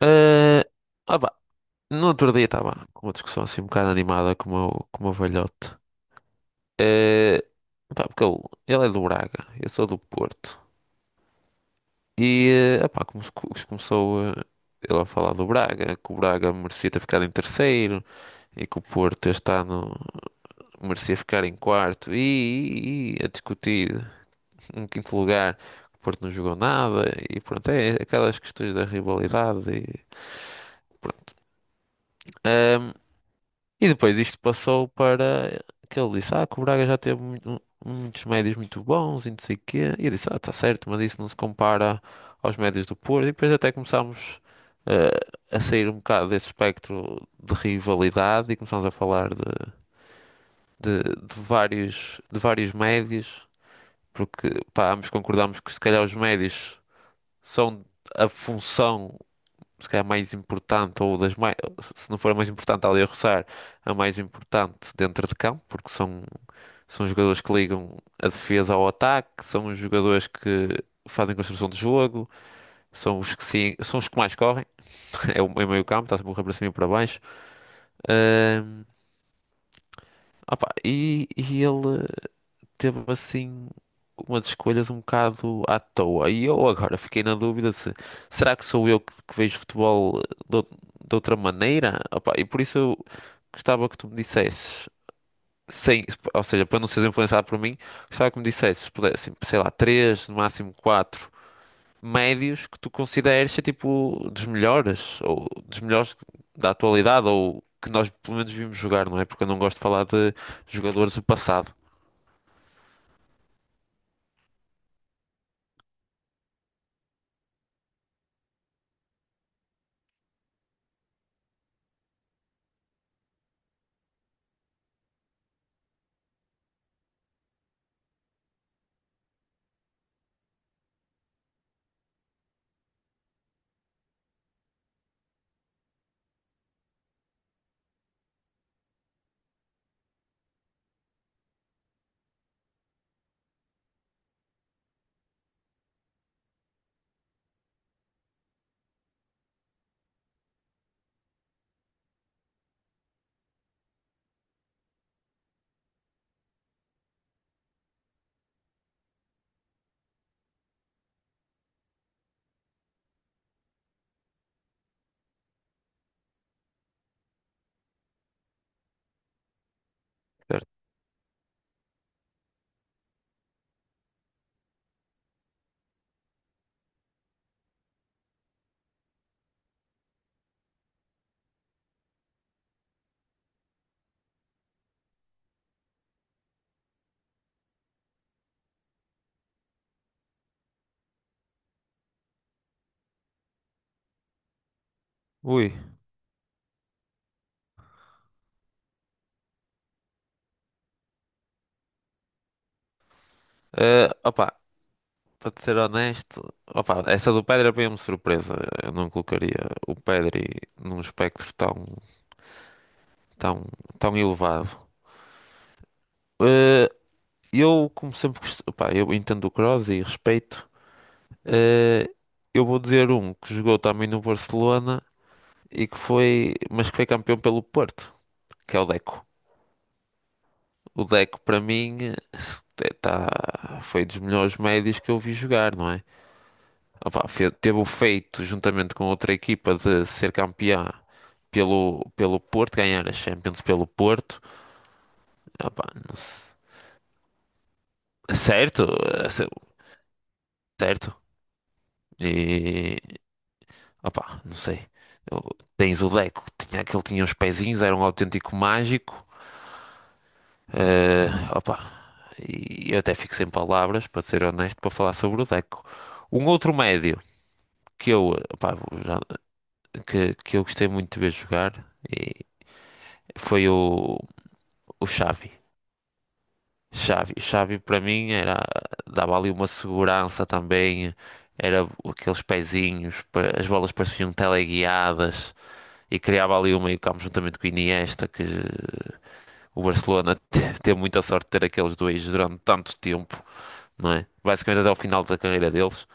Ah, ah pá, no outro dia estava com uma discussão assim um bocado animada com o meu velhote. Eh, Porque ele é do Braga, eu sou do Porto. E como, se começou ele a falar do Braga, que o Braga merecia ter ficado em terceiro e que o Porto este ano merecia ficar em quarto. E, e a discutir um quinto lugar, o Porto não jogou nada. E pronto, é aquelas questões da rivalidade. E, pronto. Ah, E depois isto passou para que ele disse, ah, que o Braga já teve muitos médios muito bons e não sei o quê. E eu disse, ah, tá certo, mas isso não se compara aos médios do Porto. E depois até começámos eh, a sair um bocado desse espectro de rivalidade e começámos a falar de vários médios, porque pá, ambos concordámos que se calhar os médios são a função se calhar mais importante, ou das mais, se não for a mais importante, ali a roçar, a mais importante dentro de campo, porque são, são jogadores que ligam a defesa ao ataque, são os jogadores que fazem construção de jogo, são os que, são os que mais correm, é o meio campo, está sempre a correr para cima e para baixo. Ahm, e, e ele. Teve assim umas escolhas um bocado à toa. E eu agora fiquei na dúvida se será que sou eu que vejo futebol de, ou- de outra maneira? Opa, e por isso eu gostava que tu me dissesses, sem, ou seja, para não seres influenciado por mim, gostava que me dissesses, se pudesse, assim, sei lá, três, no máximo quatro médios que tu consideres ser tipo dos melhores, ou dos melhores da atualidade, ou que nós pelo menos vimos jogar, não é? Porque eu não gosto de falar de jogadores do passado. Certo? Ui. Eh, opa, Para te ser honesto, opa, essa do Pedri apanhou-me surpresa. Eu não colocaria o Pedri num espectro tão, tão elevado. Eh, eu, como sempre, eu entendo o Kroos e respeito. Eh, eu vou dizer um que jogou também no Barcelona e que foi, mas que foi campeão pelo Porto, que é o Deco. O Deco, para mim, tá, foi dos melhores médios que eu vi jogar, não é? Opa, teve o feito, juntamente com outra equipa, de ser campeã pelo Porto, ganhar a Champions pelo Porto. Opa, não se- Certo, eh, se- certo. E, opa, não sei. Eu- Tens o Deco, que ele tinha uns pezinhos, era um autêntico mágico. Eh, opa, e eu até fico sem palavras, para ser honesto, para falar sobre o Deco. Um outro médio que eu, já- que, eu gostei muito de ver jogar e foi o Xavi. Xavi para mim era, dava ali uma segurança também, era aqueles pezinhos, as bolas pareciam teleguiadas e criava ali um meio-campo juntamente com o Iniesta, que o Barcelona teve muita sorte de ter aqueles dois durante tanto tempo, não é? Basicamente até ao final da carreira deles,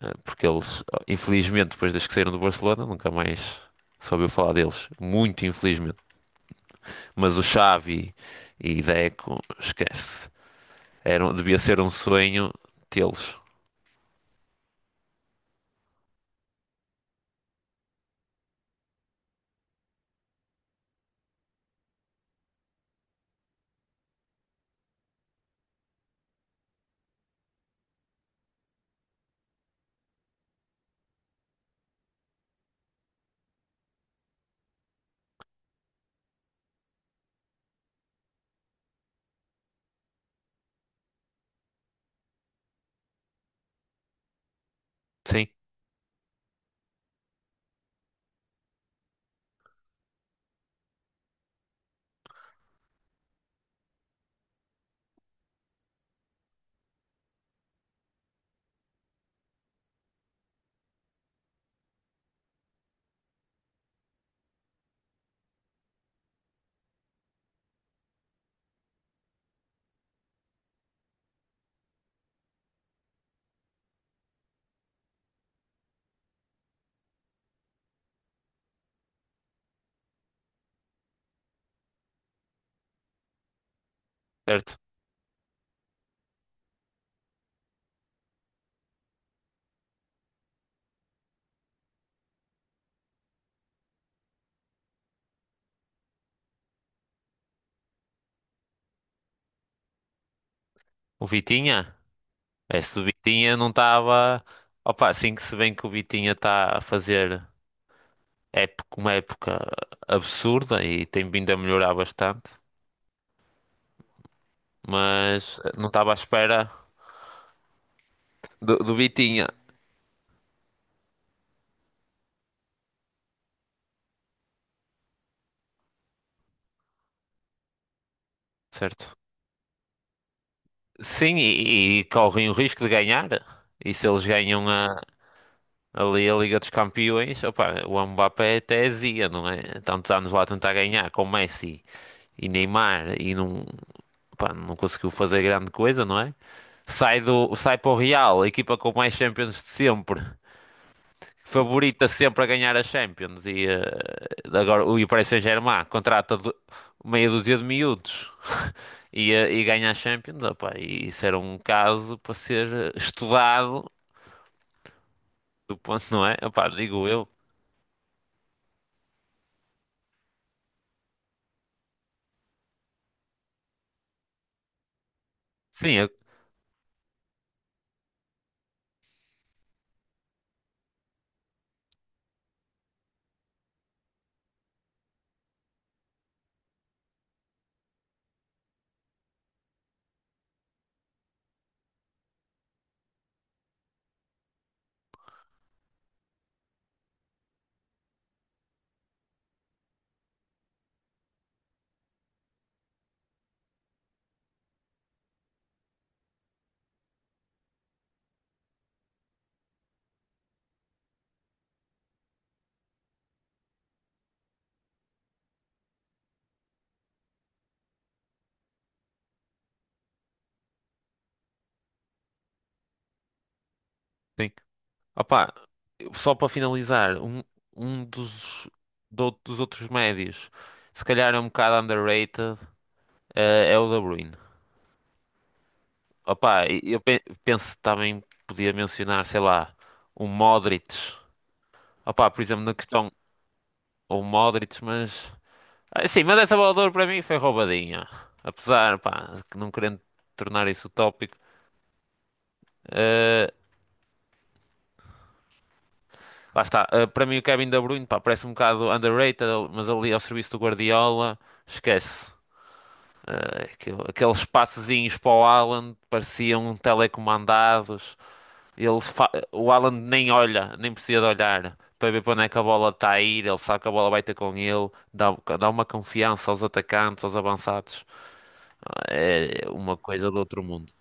porque eles, oh, infelizmente, depois desde que saíram do Barcelona, nunca mais soube falar deles, muito infelizmente. Mas o Xavi e Deco, esquece. Era, devia ser um sonho tê-los. Sim, certo. O Vitinha? É, se o Vitinha não estava. Opa, assim que se vê que o Vitinha está a fazer época, uma época absurda e tem vindo a melhorar bastante, mas não estava à espera do Vitinha, certo? Sim, e correm o risco de ganhar. E se eles ganham a, Ali a Liga dos Campeões, opa, o Mbappé até azia, não é? Tantos anos lá a tentar ganhar com Messi e Neymar e não. Pá, não conseguiu fazer grande coisa, não é? Sai sai para o Real, a equipa com mais Champions de sempre, favorita sempre a ganhar a Champions e agora o Paris Saint-Germain meia dúzia de miúdos e, e ganha a Champions, opá, e isso era um caso para ser estudado, do ponto, não é? Opá, digo eu. Sim, eu, sim. Opá, só para finalizar, um, um dos, dos outros médios, se calhar é um bocado underrated. É o De Bruyne. Opa, penso também podia mencionar, sei lá, o Modric. Opa, por exemplo, na questão, o Modric, mas. Ah, sim, mas essa bola de ouro para mim foi roubadinha. Apesar, pá, que não querendo tornar isso utópico. eh, Lá está, para mim o Kevin De Bruyne, pá, parece um bocado underrated, mas ali ao serviço do Guardiola, esquece. Aquele- aqueles passezinhos para o Haaland pareciam telecomandados. O Alan nem olha, nem precisa de olhar para ver para onde é que a bola está a ir. Ele sabe que a bola vai ter com ele, dá, dá uma confiança aos atacantes, aos avançados. É uma coisa do outro mundo.